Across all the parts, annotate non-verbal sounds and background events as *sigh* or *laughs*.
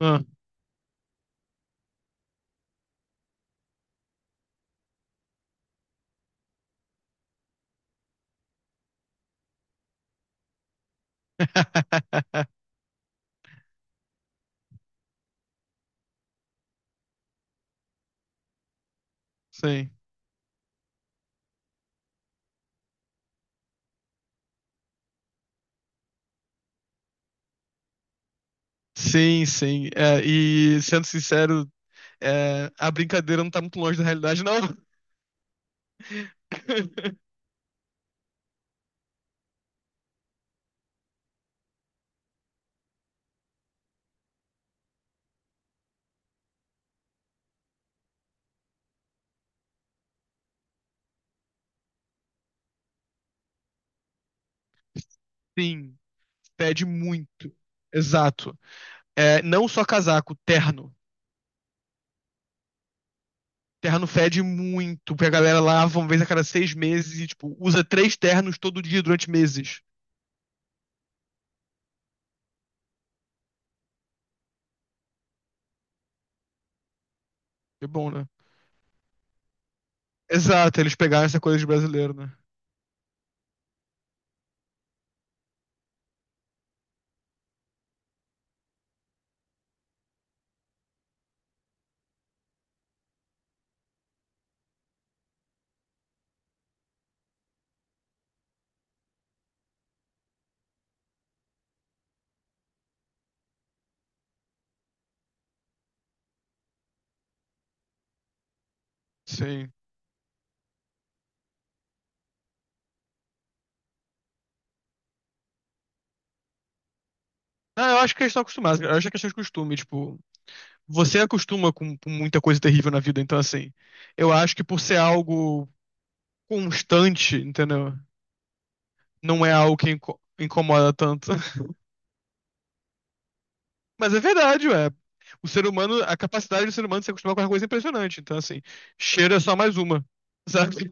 Ah, *laughs* sim. Sim, sim. É, e sendo sincero, a brincadeira não tá muito longe da realidade, não. *laughs* Sim, fede muito. Exato. É, não só casaco, terno. Terno fede muito, porque a galera lava uma vez a cada 6 meses e, tipo, usa três ternos todo dia durante meses. É bom, né? Exato, eles pegaram essa coisa de brasileiro, né? Sim. Ah, eu acho que eles estão acostumados, cara. Eu acho que é questão de costume, tipo. Você acostuma com muita coisa terrível na vida, então assim, eu acho que por ser algo constante, entendeu? Não é algo que incomoda tanto. *laughs* Mas é verdade, ué. O ser humano, a capacidade do ser humano de se acostumar com uma coisa é impressionante. Então, assim, cheiro é só mais uma, *laughs* sabe?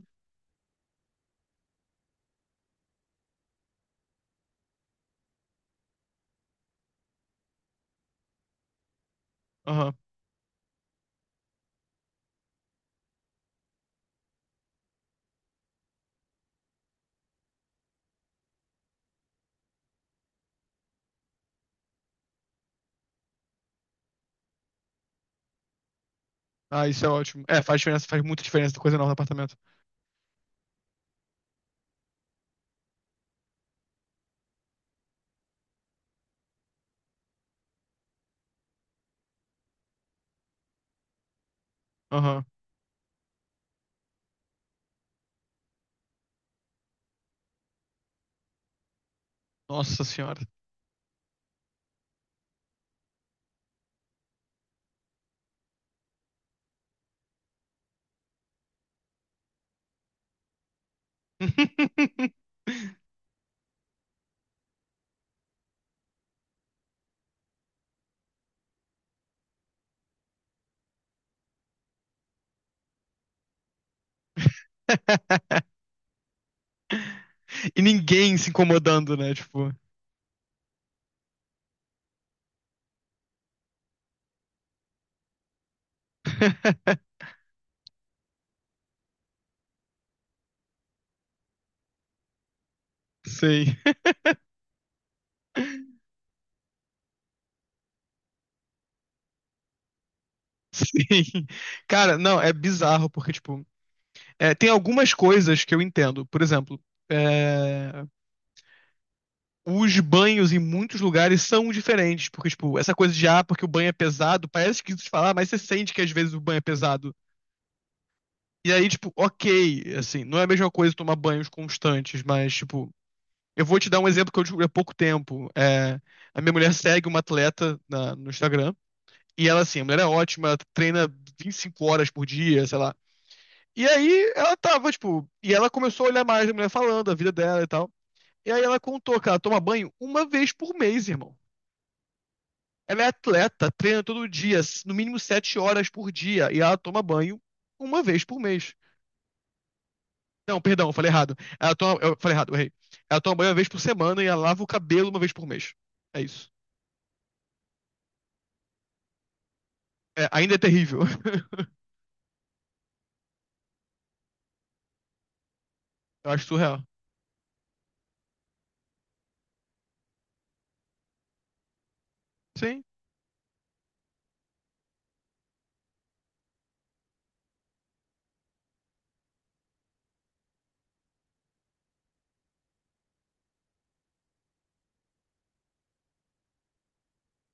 Aham. Ah, isso é ótimo. É, faz diferença, faz muita diferença, coisa nova no apartamento. Aham. Nossa senhora. *laughs* E ninguém se incomodando, né? Tipo. *laughs* Sei. Sim. Cara, não, é bizarro, porque, tipo, tem algumas coisas que eu entendo. Por exemplo, é, os banhos em muitos lugares são diferentes, porque, tipo, essa coisa de, ah, porque o banho é pesado, parece esquisito de falar, mas você sente que às vezes o banho é pesado. E aí, tipo, ok, assim, não é a mesma coisa tomar banhos constantes, mas, tipo, eu vou te dar um exemplo que eu descobri há pouco tempo. A minha mulher segue uma atleta no Instagram, e ela, assim, a mulher é ótima, ela treina 25 horas por dia, sei lá. E aí ela tava, tipo, e ela começou a olhar mais a mulher falando, a vida dela e tal. E aí ela contou que ela toma banho uma vez por mês, irmão. Ela é atleta, treina todo dia, no mínimo 7 horas por dia, e ela toma banho uma vez por mês. Não, perdão, eu falei errado. Eu falei errado, eu errei. Ela toma banho uma vez por semana e ela lava o cabelo uma vez por mês. É isso. É, ainda é terrível. *laughs* Eu acho surreal. Sim,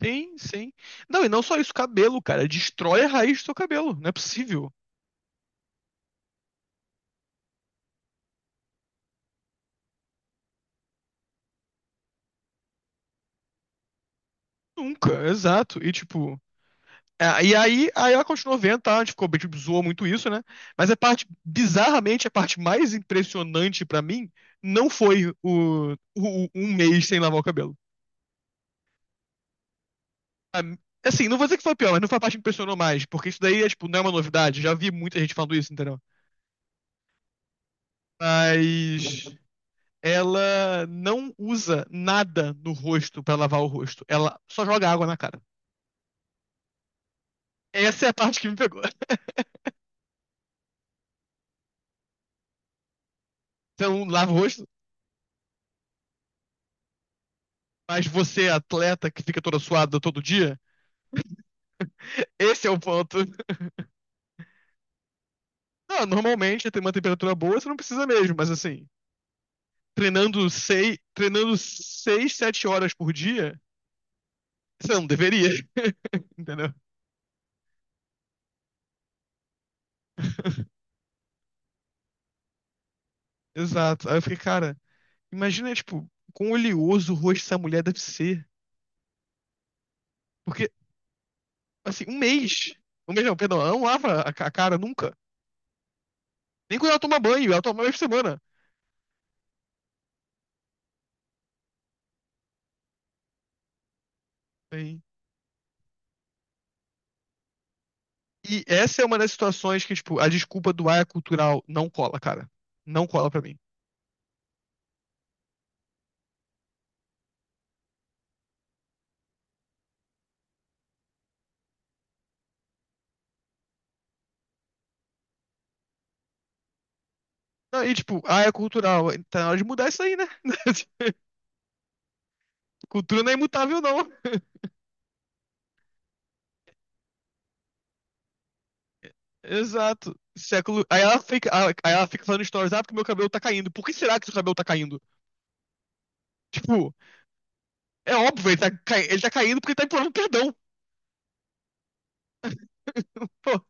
sim, sim. Não, e não só isso, cabelo, cara. Destrói a raiz do seu cabelo. Não é possível. Nunca, exato. E tipo. É, e aí ela continuou vendo, tá? A gente ficou, tipo, zoou muito isso, né? Mas a parte, bizarramente, a parte mais impressionante pra mim não foi um mês sem lavar o cabelo. A- Assim, não vou dizer que foi pior, mas não foi a parte que impressionou mais, porque isso daí é, tipo, não é uma novidade. Já vi muita gente falando isso, entendeu? Mas ela não usa nada no rosto pra lavar o rosto. Ela só joga água na cara. Essa é a parte que me pegou. *laughs* Então, lava o rosto, mas você, atleta, que fica toda suada todo dia. Esse é o ponto. Não, normalmente tem uma temperatura boa, você não precisa mesmo, mas assim, treinando 6, 7 horas por dia, você não deveria, *laughs* entendeu? Exato. Aí eu fiquei, cara, imagina, tipo, quão oleoso o rosto dessa mulher deve ser. Porque, assim, um mês. Um mês não, perdão, ela não lava a a cara nunca. Nem quando ela toma banho, ela toma uma vez por semana. Sim. E essa é uma das situações que, tipo, a desculpa do ar é cultural não cola, cara. Não cola pra mim. Não, e tipo, ah, é cultural. Tá na hora de mudar isso aí, né? *laughs* Cultura não é imutável, não. Exato. Século. Aí ela fica falando stories, ah, porque meu cabelo tá caindo. Por que será que seu cabelo tá caindo? Tipo, é óbvio, ele tá caindo porque ele tá implorando perdão. *laughs* Pô.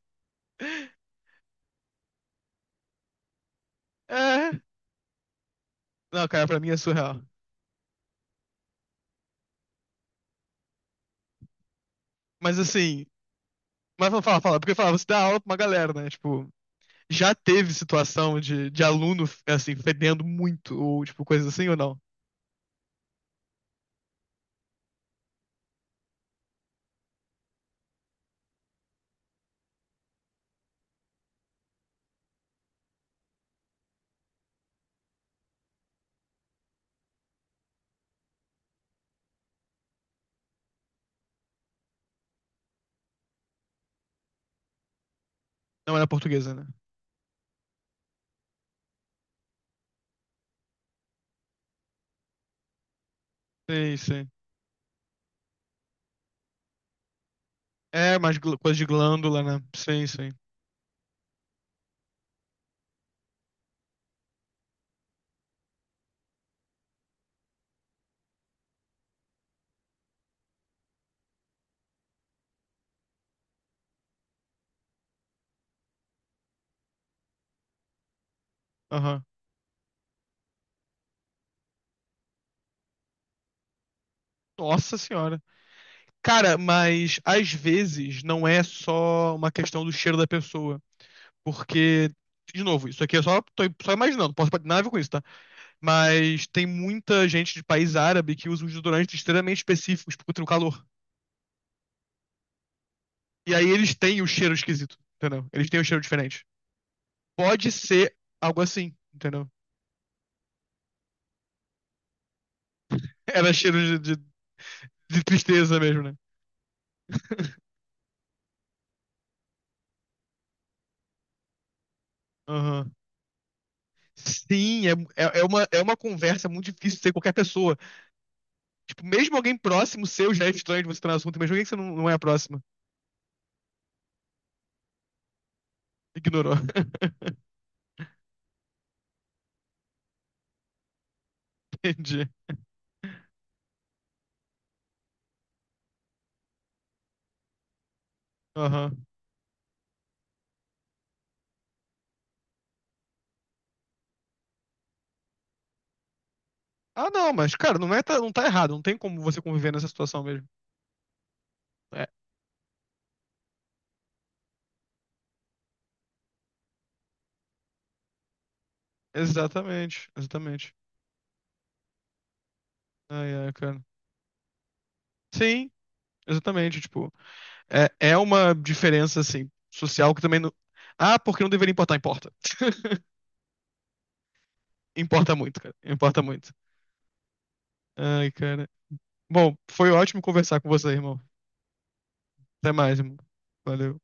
É. Não, cara, pra mim é surreal. Mas assim, mas fala, fala, fala, porque fala, você dá aula pra uma galera, né? Tipo, já teve situação de, aluno, assim, fedendo muito, ou tipo, coisa assim, ou não? Não era portuguesa, né? Sim, sim. É, mais coisa de glândula, né? Sim, sim. Aham. Nossa senhora. Cara, mas às vezes não é só uma questão do cheiro da pessoa. Porque, de novo, isso aqui é só, tô só imaginando, não posso ter nada a ver com isso, tá? Mas tem muita gente de país árabe que usa uns desodorantes extremamente específicos contra o calor. E aí eles têm o cheiro esquisito, entendeu? Eles têm o cheiro diferente. Pode ser algo assim, entendeu? Era cheiro de, de tristeza mesmo, né? Sim, é, é uma conversa muito difícil de ter qualquer pessoa. Tipo, mesmo alguém próximo seu já é estranho de você estar no assunto, mesmo alguém que você não, não é próximo. Ignorou. *laughs* Entendi. Aham. Ah, não, mas, cara, não é, não tá errado. Não tem como você conviver nessa situação mesmo. É, exatamente, exatamente. Ai, ai, cara. Sim, exatamente. Tipo, é uma diferença, assim, social que também não. Ah, porque não deveria importar? Importa. *laughs* Importa muito, cara. Importa muito. Ai, cara. Bom, foi ótimo conversar com você, irmão. Até mais, irmão. Valeu.